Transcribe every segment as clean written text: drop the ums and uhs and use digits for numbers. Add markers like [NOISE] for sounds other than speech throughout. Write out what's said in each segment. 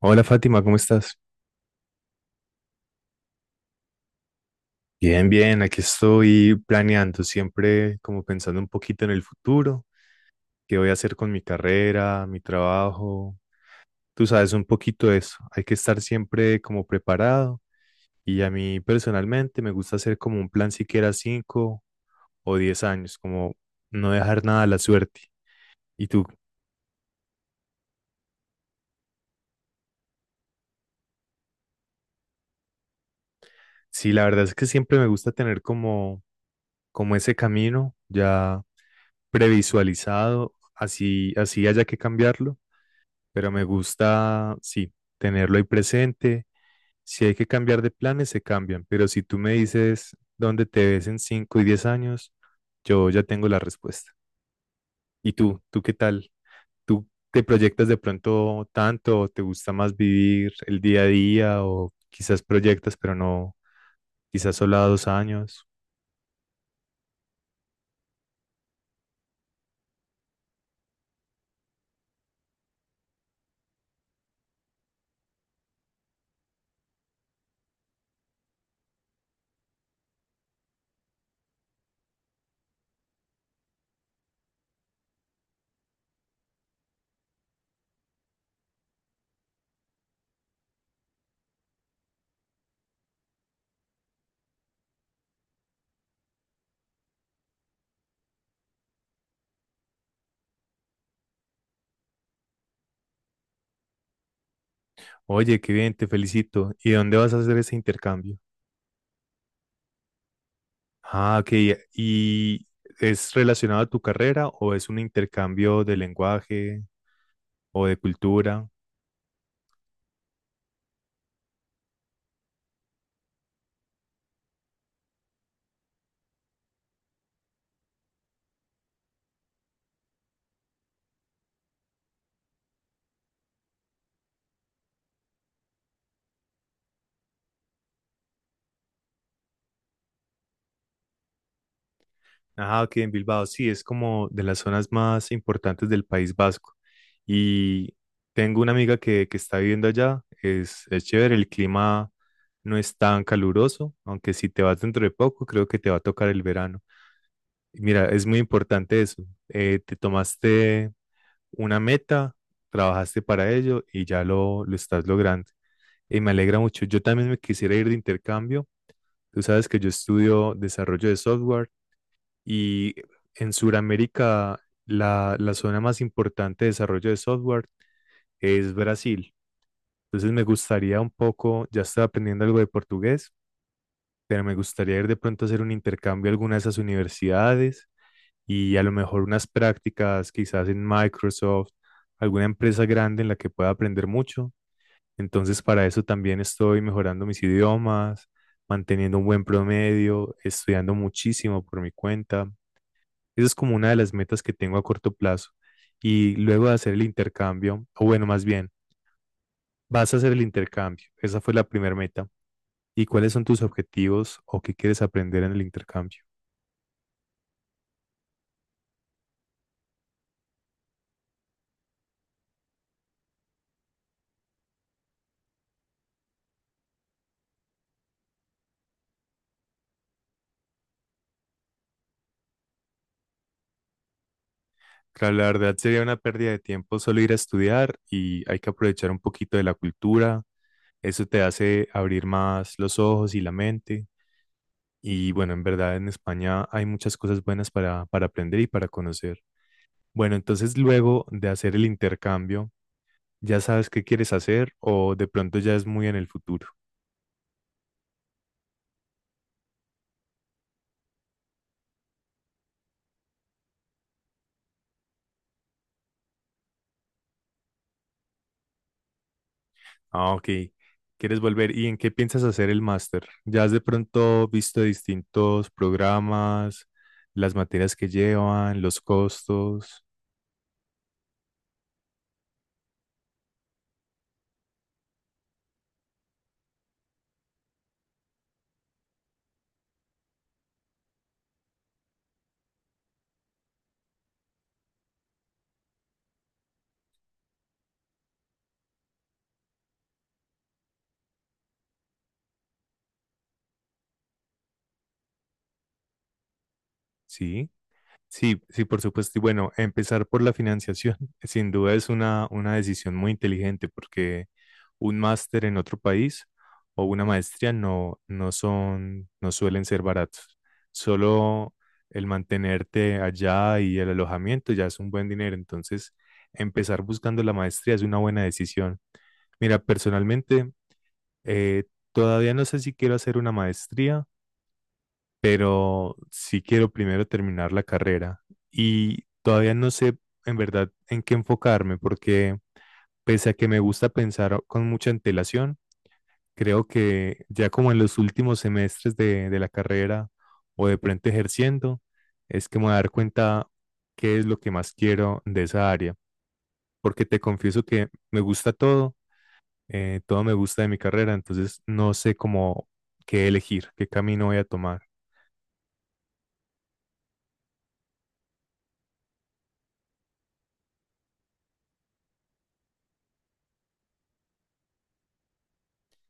Hola Fátima, ¿cómo estás? Bien, bien, aquí estoy planeando, siempre como pensando un poquito en el futuro, qué voy a hacer con mi carrera, mi trabajo. Tú sabes un poquito de eso, hay que estar siempre como preparado y a mí personalmente me gusta hacer como un plan siquiera 5 o 10 años, como no dejar nada a la suerte. Y tú, sí, la verdad es que siempre me gusta tener como ese camino ya previsualizado, así, así haya que cambiarlo pero me gusta, sí, tenerlo ahí presente. Si hay que cambiar de planes, se cambian, pero si tú me dices dónde te ves en 5 y 10 años, yo ya tengo la respuesta. ¿Y tú? ¿Tú qué tal? ¿Tú te proyectas de pronto tanto o te gusta más vivir el día a día o quizás proyectas, pero no, quizás solo a 2 años? Oye, qué bien, te felicito. ¿Y dónde vas a hacer ese intercambio? Ah, ok. ¿Y es relacionado a tu carrera o es un intercambio de lenguaje o de cultura? Ah, ok, en Bilbao, sí, es como de las zonas más importantes del País Vasco. Y tengo una amiga que está viviendo allá, es chévere, el clima no es tan caluroso, aunque si te vas dentro de poco, creo que te va a tocar el verano. Mira, es muy importante eso. Te tomaste una meta, trabajaste para ello y ya lo estás logrando. Y me alegra mucho. Yo también me quisiera ir de intercambio. Tú sabes que yo estudio desarrollo de software y en Sudamérica, la zona más importante de desarrollo de software es Brasil. Entonces me gustaría un poco, ya estoy aprendiendo algo de portugués, pero me gustaría ir de pronto a hacer un intercambio a alguna de esas universidades y a lo mejor unas prácticas quizás en Microsoft, alguna empresa grande en la que pueda aprender mucho. Entonces para eso también estoy mejorando mis idiomas, manteniendo un buen promedio, estudiando muchísimo por mi cuenta. Esa es como una de las metas que tengo a corto plazo. Y luego de hacer el intercambio, o bueno, más bien, vas a hacer el intercambio. Esa fue la primera meta. ¿Y cuáles son tus objetivos o qué quieres aprender en el intercambio? Claro, la verdad sería una pérdida de tiempo solo ir a estudiar y hay que aprovechar un poquito de la cultura. Eso te hace abrir más los ojos y la mente. Y bueno, en verdad en España hay muchas cosas buenas para aprender y para conocer. Bueno, entonces luego de hacer el intercambio, ¿ya sabes qué quieres hacer o de pronto ya es muy en el futuro? Ah, ok. ¿Quieres volver? ¿Y en qué piensas hacer el máster? ¿Ya has de pronto visto distintos programas, las materias que llevan, los costos? Sí, sí, sí, por supuesto. Y bueno, empezar por la financiación [LAUGHS] sin duda es una decisión muy inteligente porque un máster en otro país o una maestría no, no son, no suelen ser baratos. Solo el mantenerte allá y el alojamiento ya es un buen dinero. Entonces, empezar buscando la maestría es una buena decisión. Mira, personalmente, eh, todavía no sé si quiero hacer una maestría, pero sí quiero primero terminar la carrera. Y todavía no sé en verdad en qué enfocarme, porque pese a que me gusta pensar con mucha antelación, creo que ya como en los últimos semestres de la carrera o de pronto ejerciendo, es que me voy a dar cuenta qué es lo que más quiero de esa área, porque te confieso que me gusta todo, todo me gusta de mi carrera, entonces no sé cómo qué elegir, qué camino voy a tomar.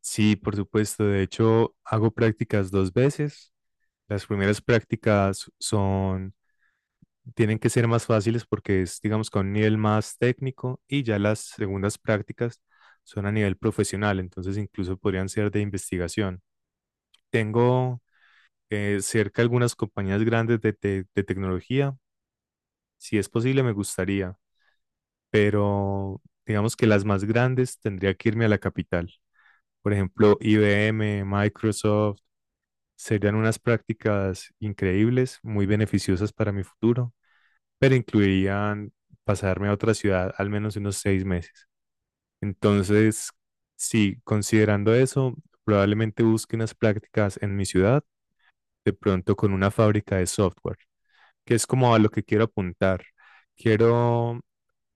Sí, por supuesto, de hecho hago prácticas dos veces. Las primeras prácticas son tienen que ser más fáciles porque es, digamos, con un nivel más técnico y ya las segundas prácticas son a nivel profesional, entonces incluso podrían ser de investigación. Tengo cerca algunas compañías grandes de tecnología, si es posible me gustaría, pero digamos que las más grandes tendría que irme a la capital. Por ejemplo, IBM, Microsoft, serían unas prácticas increíbles, muy beneficiosas para mi futuro pero incluirían pasarme a otra ciudad al menos unos 6 meses. Entonces, sí, considerando eso, probablemente busque unas prácticas en mi ciudad, de pronto con una fábrica de software, que es como a lo que quiero apuntar. Quiero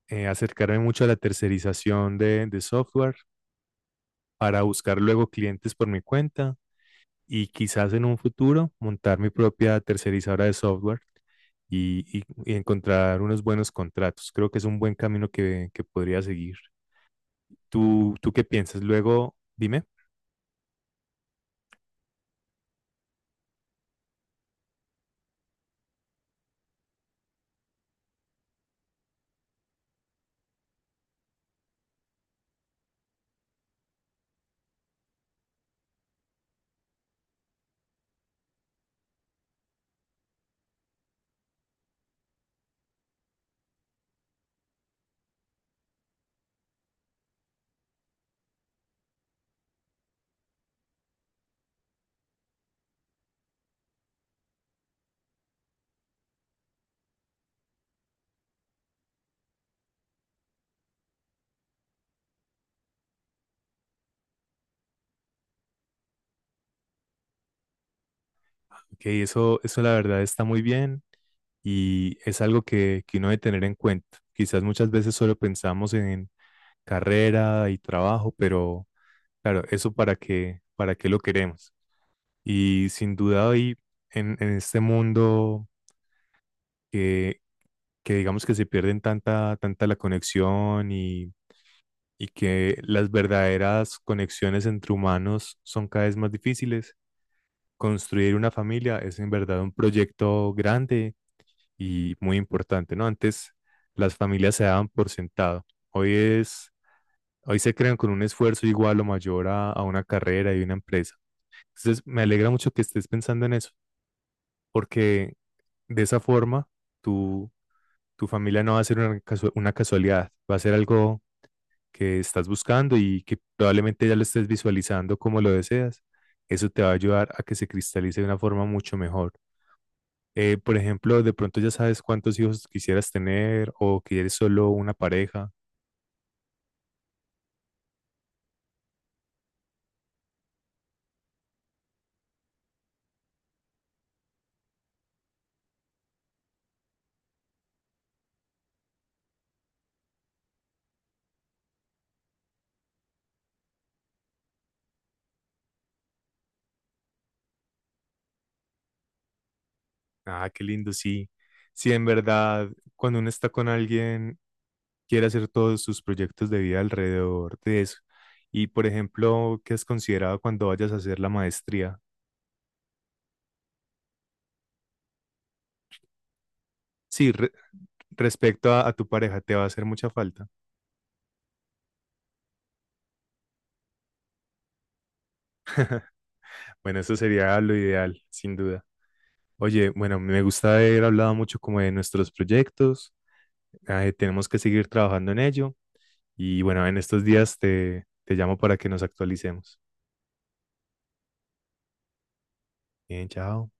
acercarme mucho a la tercerización de software para buscar luego clientes por mi cuenta y quizás en un futuro montar mi propia tercerizadora de software y encontrar unos buenos contratos. Creo que es un buen camino que podría seguir. Tú qué piensas? Luego, dime. Ok, eso la verdad está muy bien y es algo que uno debe tener en cuenta. Quizás muchas veces solo pensamos en carrera y trabajo, pero claro, eso para qué lo queremos. Y sin duda hoy en este mundo que, que digamos que se pierden tanta la conexión y que las verdaderas conexiones entre humanos son cada vez más difíciles. Construir una familia es en verdad un proyecto grande y muy importante, ¿no? Antes las familias se daban por sentado. Hoy es, Hoy se crean con un esfuerzo igual o mayor a una carrera y una empresa. Entonces, me alegra mucho que estés pensando en eso, porque de esa forma tu, tu familia no va a ser una casualidad, va a ser algo que estás buscando y que probablemente ya lo estés visualizando como lo deseas, eso te va a ayudar a que se cristalice de una forma mucho mejor. Por ejemplo, de pronto ya sabes cuántos hijos quisieras tener o que eres solo una pareja. Ah, qué lindo, sí. Sí, en verdad, cuando uno está con alguien, quiere hacer todos sus proyectos de vida alrededor de eso. Y, por ejemplo, ¿qué has considerado cuando vayas a hacer la maestría? Sí, respecto a tu pareja, te va a hacer mucha falta. Bueno, eso sería lo ideal, sin duda. Oye, bueno, me gusta haber hablado mucho como de nuestros proyectos. Tenemos que seguir trabajando en ello. Y bueno, en estos días te llamo para que nos actualicemos. Bien, chao.